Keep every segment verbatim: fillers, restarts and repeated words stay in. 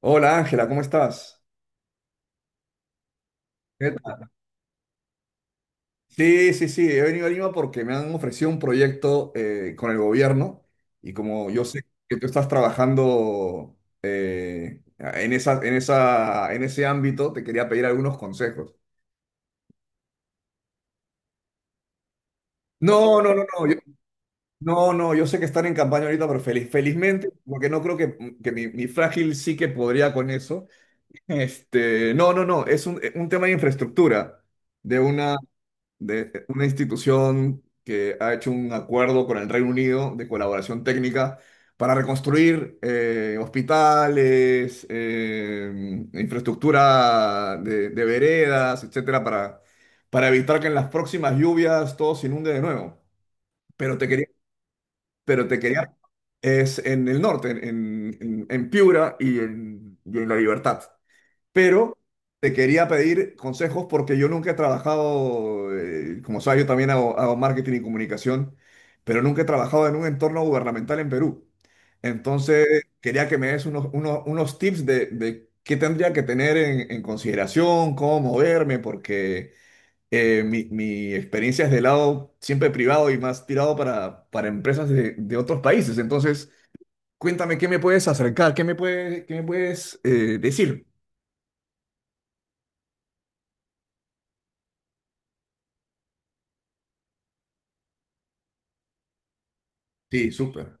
Hola Ángela, ¿cómo estás? ¿Qué tal? Sí, sí, sí, he venido a Lima porque me han ofrecido un proyecto eh, con el gobierno y como yo sé que tú estás trabajando eh, en esa, en esa, en ese ámbito, te quería pedir algunos consejos. No, no, no, no, yo, no, no, yo sé que están en campaña ahorita, pero feliz, felizmente, porque no creo que, que mi, mi frágil sí que podría con eso. Este, no, no, no, es un, un tema de infraestructura, de una, de una institución que ha hecho un acuerdo con el Reino Unido de colaboración técnica para reconstruir eh, hospitales, eh, infraestructura de, de veredas, etcétera, para, para evitar que en las próximas lluvias todo se inunde de nuevo. Pero te quería, pero te quería, es en el norte, en, en, en Piura y en, y en La Libertad pero te quería pedir consejos porque yo nunca he trabajado, eh, como sabes, yo también hago, hago marketing y comunicación, pero nunca he trabajado en un entorno gubernamental en Perú. Entonces, quería que me des unos, unos, unos tips de, de qué tendría que tener en, en consideración, cómo moverme, porque eh, mi, mi experiencia es de lado siempre privado y más tirado para, para empresas de, de otros países. Entonces, cuéntame qué me puedes acercar, qué me puedes, qué me puedes eh, decir. Sí, súper.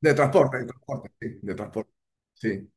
De transporte, de transporte, sí, de transporte. Sí.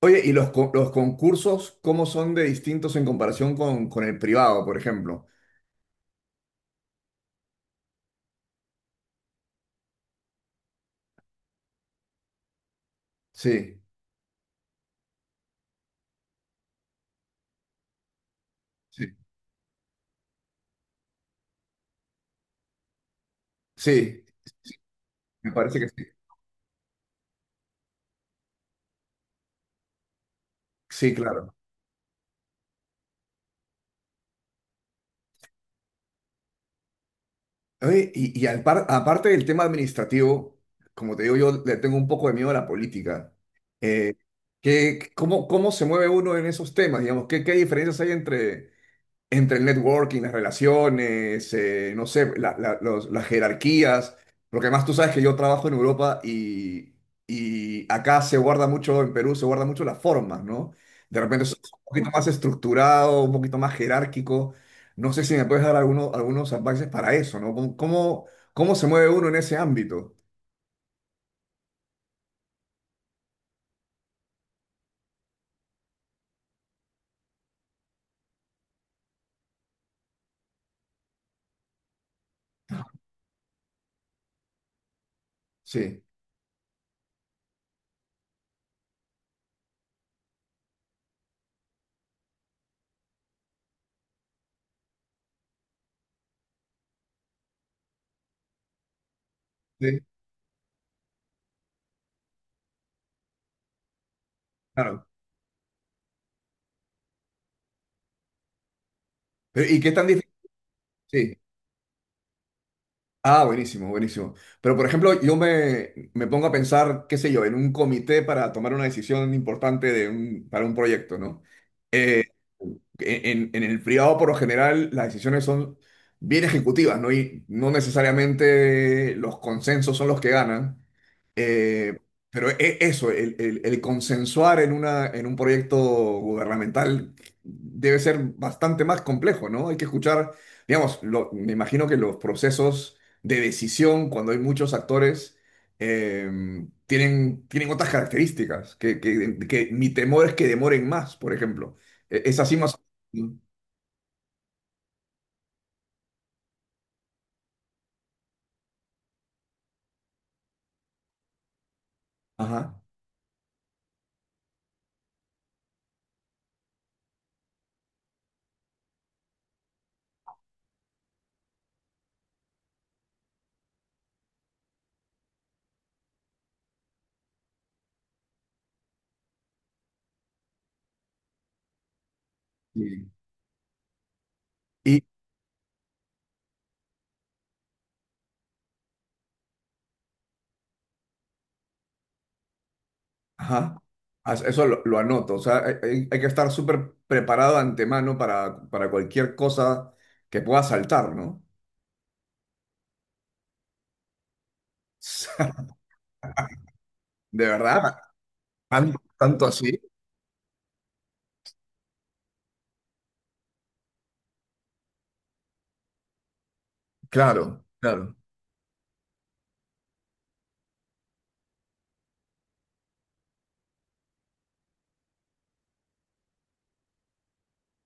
Oye, ¿y los, co- los concursos cómo son de distintos en comparación con, con el privado, por ejemplo? Sí, sí, sí, me parece que sí. Sí, claro. Oye, y, y al par- aparte del tema administrativo, como te digo, yo le tengo un poco de miedo a la política. Eh, ¿qué- cómo, cómo se mueve uno en esos temas? Digamos, ¿qué, qué diferencias hay entre, entre el networking, las relaciones, eh, no sé, la- la- los- las jerarquías, porque además tú sabes que yo trabajo en Europa y, y acá se guarda mucho, en Perú se guarda mucho las formas, ¿no? De repente es un poquito más estructurado, un poquito más jerárquico. No sé si me puedes dar algunos, algunos advices para eso, ¿no? ¿Cómo, cómo, cómo se mueve uno en ese ámbito? Sí, sí, claro. Pero, ¿y qué tan difícil? Sí. Ah, buenísimo, buenísimo. Pero, por ejemplo, yo me, me pongo a pensar, qué sé yo, en un comité para tomar una decisión importante de un- para un proyecto, ¿no? Eh, en, en el privado, por lo general, las decisiones son bien ejecutivas, ¿no? Y no necesariamente los consensos son los que ganan. Eh, pero e- eso, el, el- el consensuar en una, en un proyecto gubernamental debe ser bastante más complejo, ¿no? Hay que escuchar, digamos, lo- me imagino que los procesos de decisión, cuando hay muchos actores, eh, tienen, tienen otras características, que, que- que mi temor es que demoren más, por ejemplo. E- Es así más... ¿no? Ajá. Sí. Ajá. As- Eso lo, lo anoto. O sea, hay, hay- hay que estar súper preparado de antemano para, para cualquier cosa que pueda saltar, ¿no? O sea, de verdad. ¿Tan- Tanto, así? Claro, claro,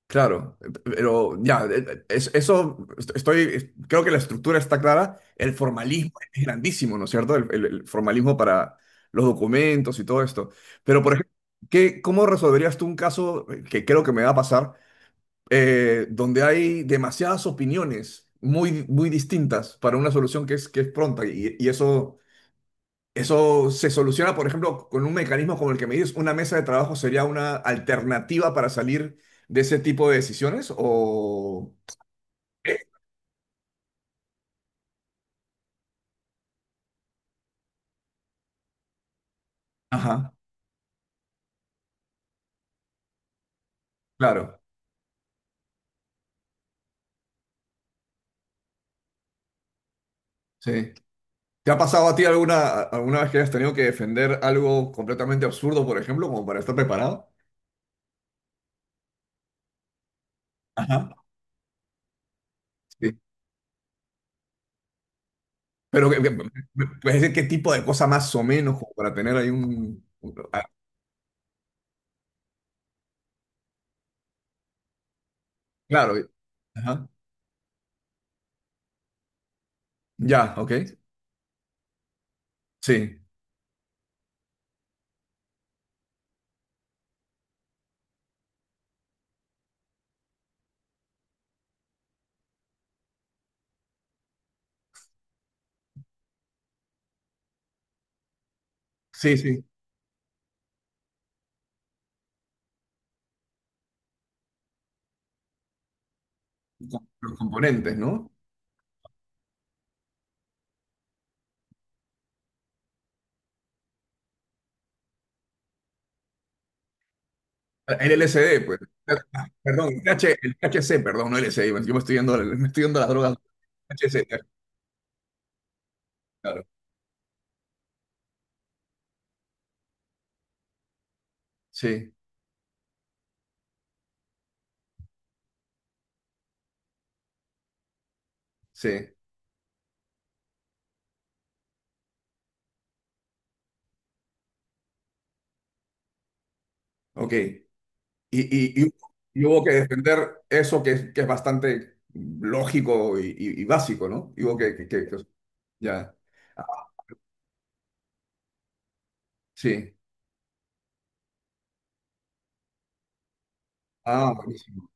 claro. Pero ya, eh, es- eso est- estoy, creo que la estructura está clara. El formalismo es grandísimo, ¿no es cierto? El, el- el formalismo para los documentos y todo esto. Pero, por ejemplo, ¿qué, cómo resolverías tú un caso eh, que creo que me va a pasar? eh, donde hay demasiadas opiniones muy, muy distintas para una solución que es, que es pronta. Y, y eso, eso se soluciona, por ejemplo, con un mecanismo como el que me dices, una mesa de trabajo sería una alternativa para salir de ese tipo de decisiones o... Ajá, claro, sí. ¿Te ha pasado a ti alguna, alguna vez que hayas tenido que defender algo completamente absurdo, por ejemplo, como para estar preparado? Ajá. Sí. Pero, que- que- ¿puedes decir qué tipo de cosa más o menos como para tener ahí un... Claro. y- Ajá. Ya, ok. Sí, sí, sí. Con- Los componentes, ¿no? El L S D, pues. Ah, perdón, el TH el T H C, perdón, no L S D. Yo me estoy yendo, me estoy yendo a las drogas. T H C, claro. Sí, sí. Ok. Y, y, y- y hubo que defender eso que es, que es bastante lógico y, y- y básico, ¿no? Y hubo que, que- que- que- ya. Ah, sí. Ah, buenísimo.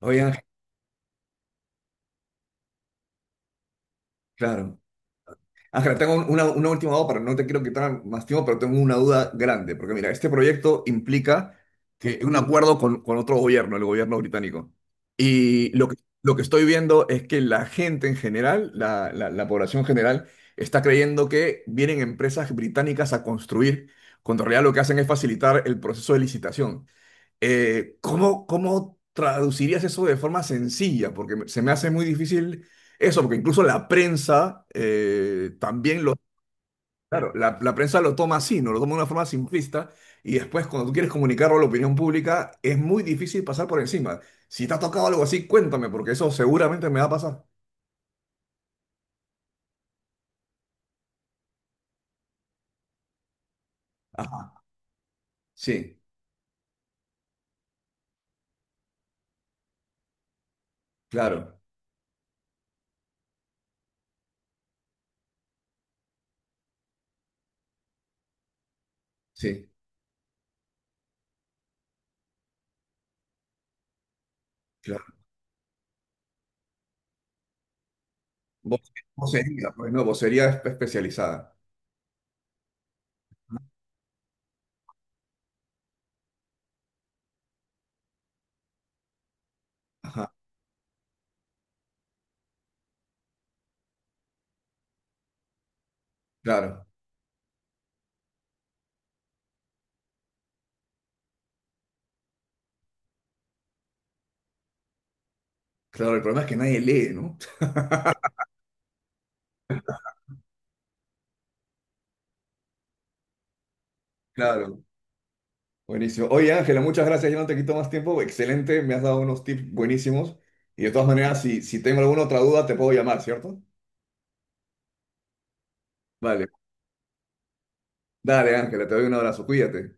Oye, Ángel, claro. Ángela, tengo una, una última duda, pero no te quiero quitar más tiempo, pero tengo una duda grande, porque mira, este proyecto implica que un acuerdo con, con otro gobierno, el gobierno británico. Y lo que, lo que estoy viendo es que la gente en general, la, la, la población general, está creyendo que vienen empresas británicas a construir, cuando en realidad lo que hacen es facilitar el proceso de licitación. Eh, ¿cómo, cómo traducirías eso de forma sencilla? Porque me- se me hace muy difícil eso, porque incluso la prensa eh, también lo... Claro, la, la prensa lo toma así, ¿no? Lo toma de una forma simplista y después cuando tú quieres comunicarlo a la opinión pública es muy difícil pasar por encima. Si te ha tocado algo así, cuéntame, porque eso seguramente me va a pasar. Ajá, sí, claro, sí, claro. Vo- Vocería, pues no, vocería espe- especializada. Ajá, claro, claro, el problema es que nadie lee, ¿no? Claro. Buenísimo. Oye, Ángela, muchas gracias. Yo no te quito más tiempo. Excelente, me has dado unos tips buenísimos. Y de todas maneras, si, si tengo alguna otra duda, te puedo llamar, ¿cierto? Vale. Dale, Ángela, te doy un abrazo. Cuídate.